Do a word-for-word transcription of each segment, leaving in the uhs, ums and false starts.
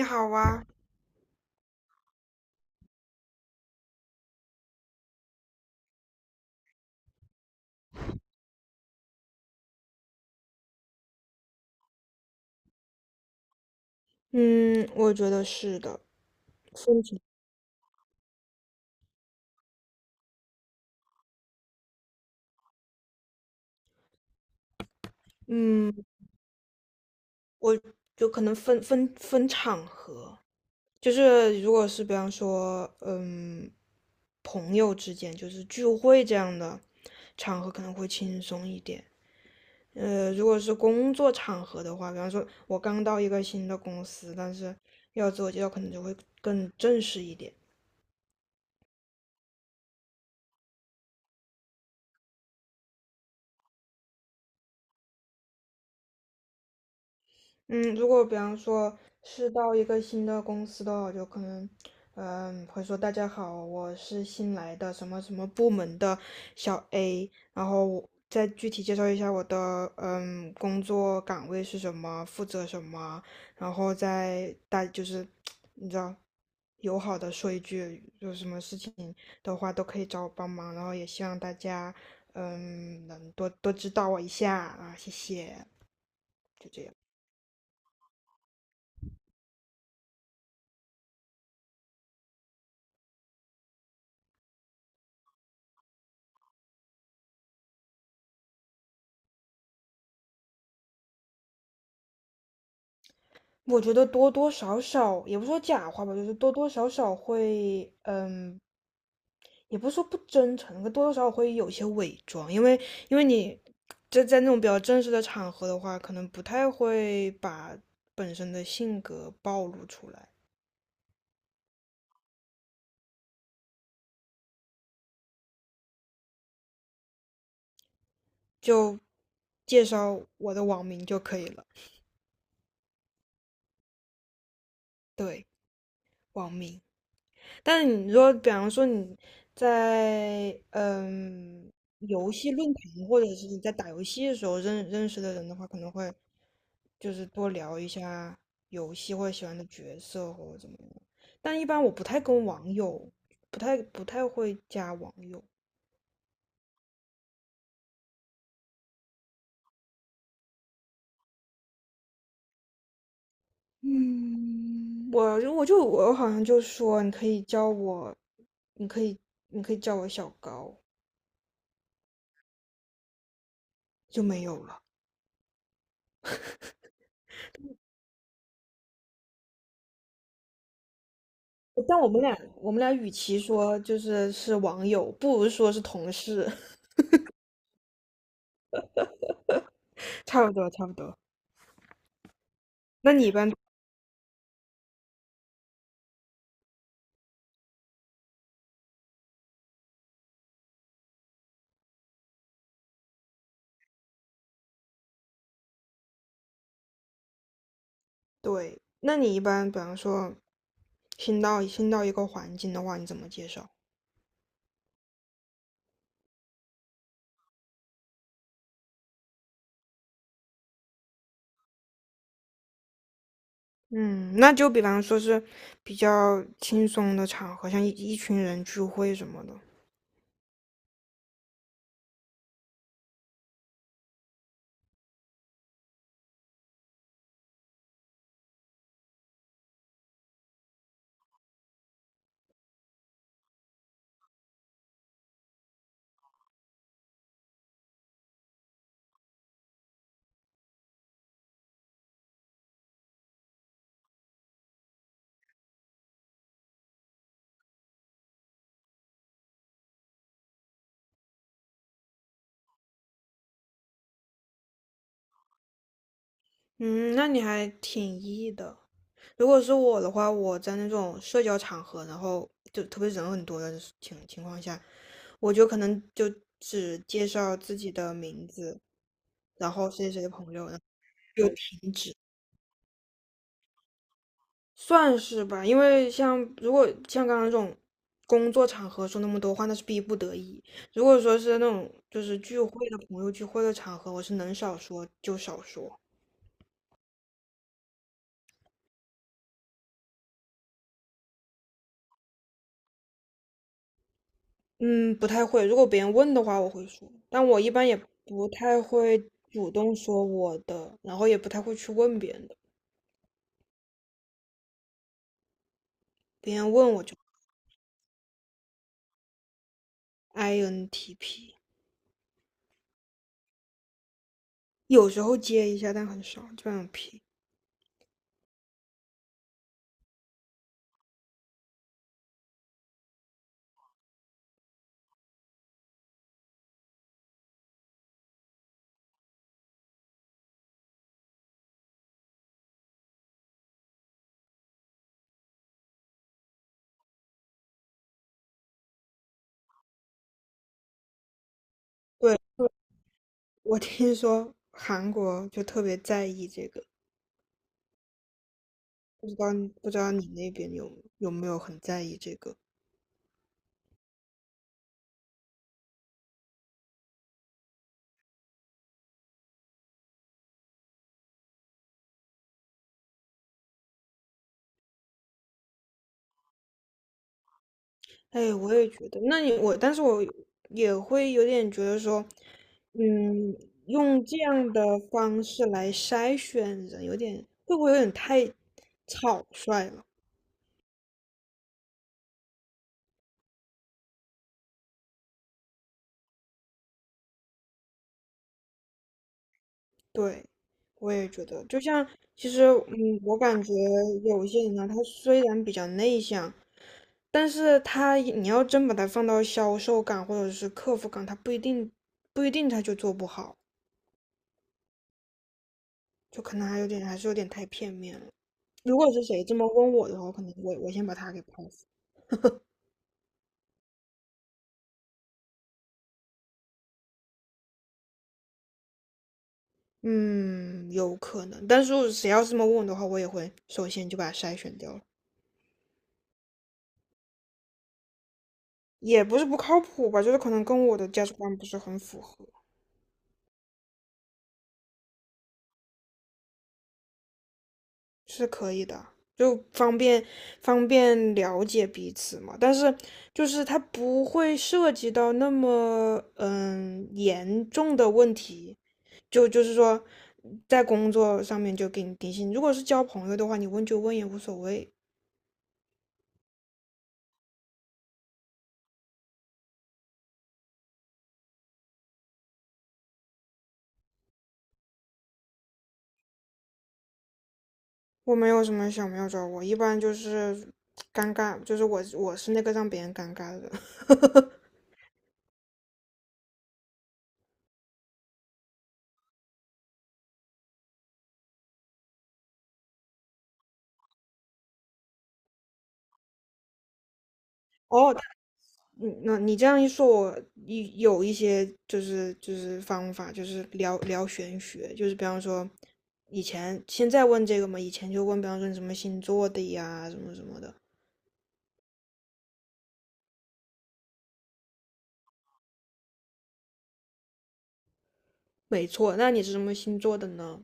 你好啊。嗯，我觉得是的。分情，嗯，我就可能分分分场合，就是如果是比方说，嗯，朋友之间就是聚会这样的场合可能会轻松一点。呃，如果是工作场合的话，比方说我刚到一个新的公司，但是要自我介绍可能就会更正式一点。嗯，如果比方说是到一个新的公司的话，我就可能，嗯，会说大家好，我是新来的什么什么部门的小 A，然后我再具体介绍一下我的嗯工作岗位是什么，负责什么，然后再大就是 你知道，友好的说一句，有什么事情的话都可以找我帮忙，然后也希望大家嗯能多多指导我一下啊，谢谢。我觉得多多少少，也不说假话吧，就是多多少少会，嗯，也不是说不真诚，可多多少少会有些伪装，因为因为你在在那种比较正式的场合的话，可能不太会把本身的性格暴露出来，就介绍我的网名就可以了。对，网名。但是你说，比方说你在嗯游戏论坛，或者是你在打游戏的时候认认识的人的话，可能会就是多聊一下游戏或者喜欢的角色或者怎么样。但一般我不太跟网友，不太不太会加网友。嗯，我我就我好像就说你可以叫我，你可以你可以叫我小高，就没有了。但我们俩，我们俩与其说就是是网友，不如说是同事，差不多，差不多。那你一般，对，那你一般，比方说新到新到一个环境的话，你怎么介绍？嗯，那就比方说是比较轻松的场合，像一一群人聚会什么的。嗯，那你还挺 E 的。如果是我的话，我在那种社交场合，然后就特别人很多的情情况下，我就可能就只介绍自己的名字，然后谁谁谁的朋友，然后就停止，算是吧。因为像如果像刚刚这种工作场合说那么多话，那是逼不得已。如果说是那种就是聚会的朋友聚会的场合，我是能少说就少说。嗯，不太会。如果别人问的话，我会说，但我一般也不太会主动说我的，然后也不太会去问别人的。别人问我就 I N T P。有时候接一下，但很少，基本上皮。对，对我听说韩国就特别在意这个，不知道你不知道你那边有有没有很在意这个？哎，我也觉得，那你我，但是我也会有点觉得说，嗯，用这样的方式来筛选人，有点会不会有点太草率了？对，我也觉得，就像其实，嗯，我感觉有些人呢，他虽然比较内向，但是他你要真把他放到销售岗或者是客服岗，他不一定不一定他就做不好，就可能还有点还是有点太片面了。如果是谁这么问我的话，可能我我先把他给抛死。嗯，有可能，但是如果谁要是这么问我的话，我也会首先就把他筛选掉了。也不是不靠谱吧，就是可能跟我的价值观不是很符合。是可以的，就方便方便了解彼此嘛。但是就是它不会涉及到那么嗯严重的问题，就就是说在工作上面就给你定性。如果是交朋友的话，你问就问也无所谓。我没有什么小妙招，我一般就是尴尬，就是我我是那个让别人尴尬的人。哦，嗯，那你这样一说，我一有一些就是就是方法，就是聊聊玄学，就是比方说以前现在问这个嘛，以前就问，比方说你什么星座的呀，什么什么的。没错，那你是什么星座的呢？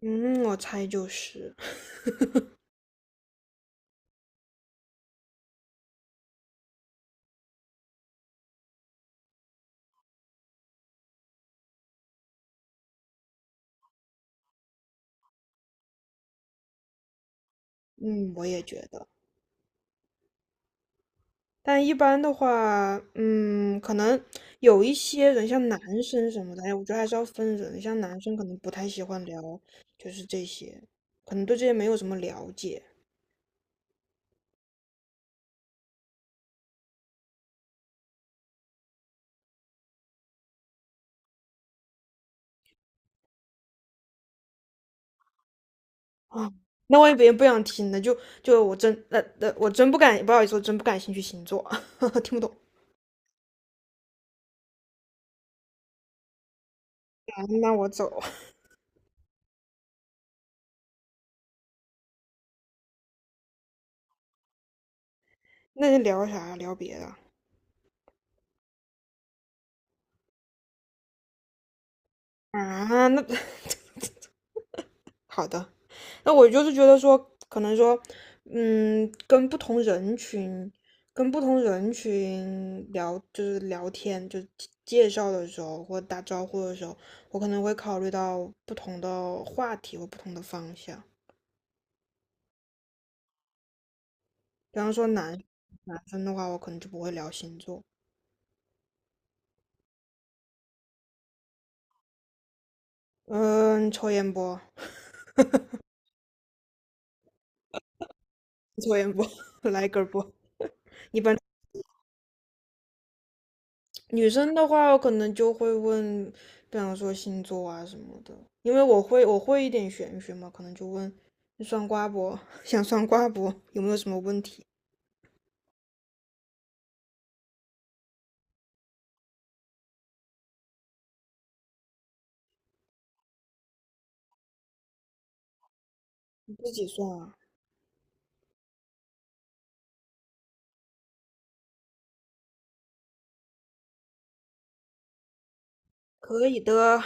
嗯，我猜就是，嗯，我也觉得。但一般的话，嗯，可能有一些人，像男生什么的，哎，我觉得还是要分人。像男生可能不太喜欢聊，就是这些，可能对这些没有什么了解。啊，那万一别人不想听呢？就就我真那那我真不敢，不好意思，我真不感兴趣星座，听不懂。啊那我走，那就聊啥聊别的啊？那 好的，那我就是觉得说，可能说，嗯，跟不同人群，跟不同人群聊，就是聊天，就是介绍的时候或打招呼的时候，我可能会考虑到不同的话题或不同的方向。比方说男男生的话，我可能就不会聊星座。嗯，抽烟不？抽烟不？来根儿不？一般女生的话，可能就会问，比方说星座啊什么的，因为我会我会一点玄学嘛，可能就问你算卦不？想算卦不？有没有什么问题？你自己算啊，可以的。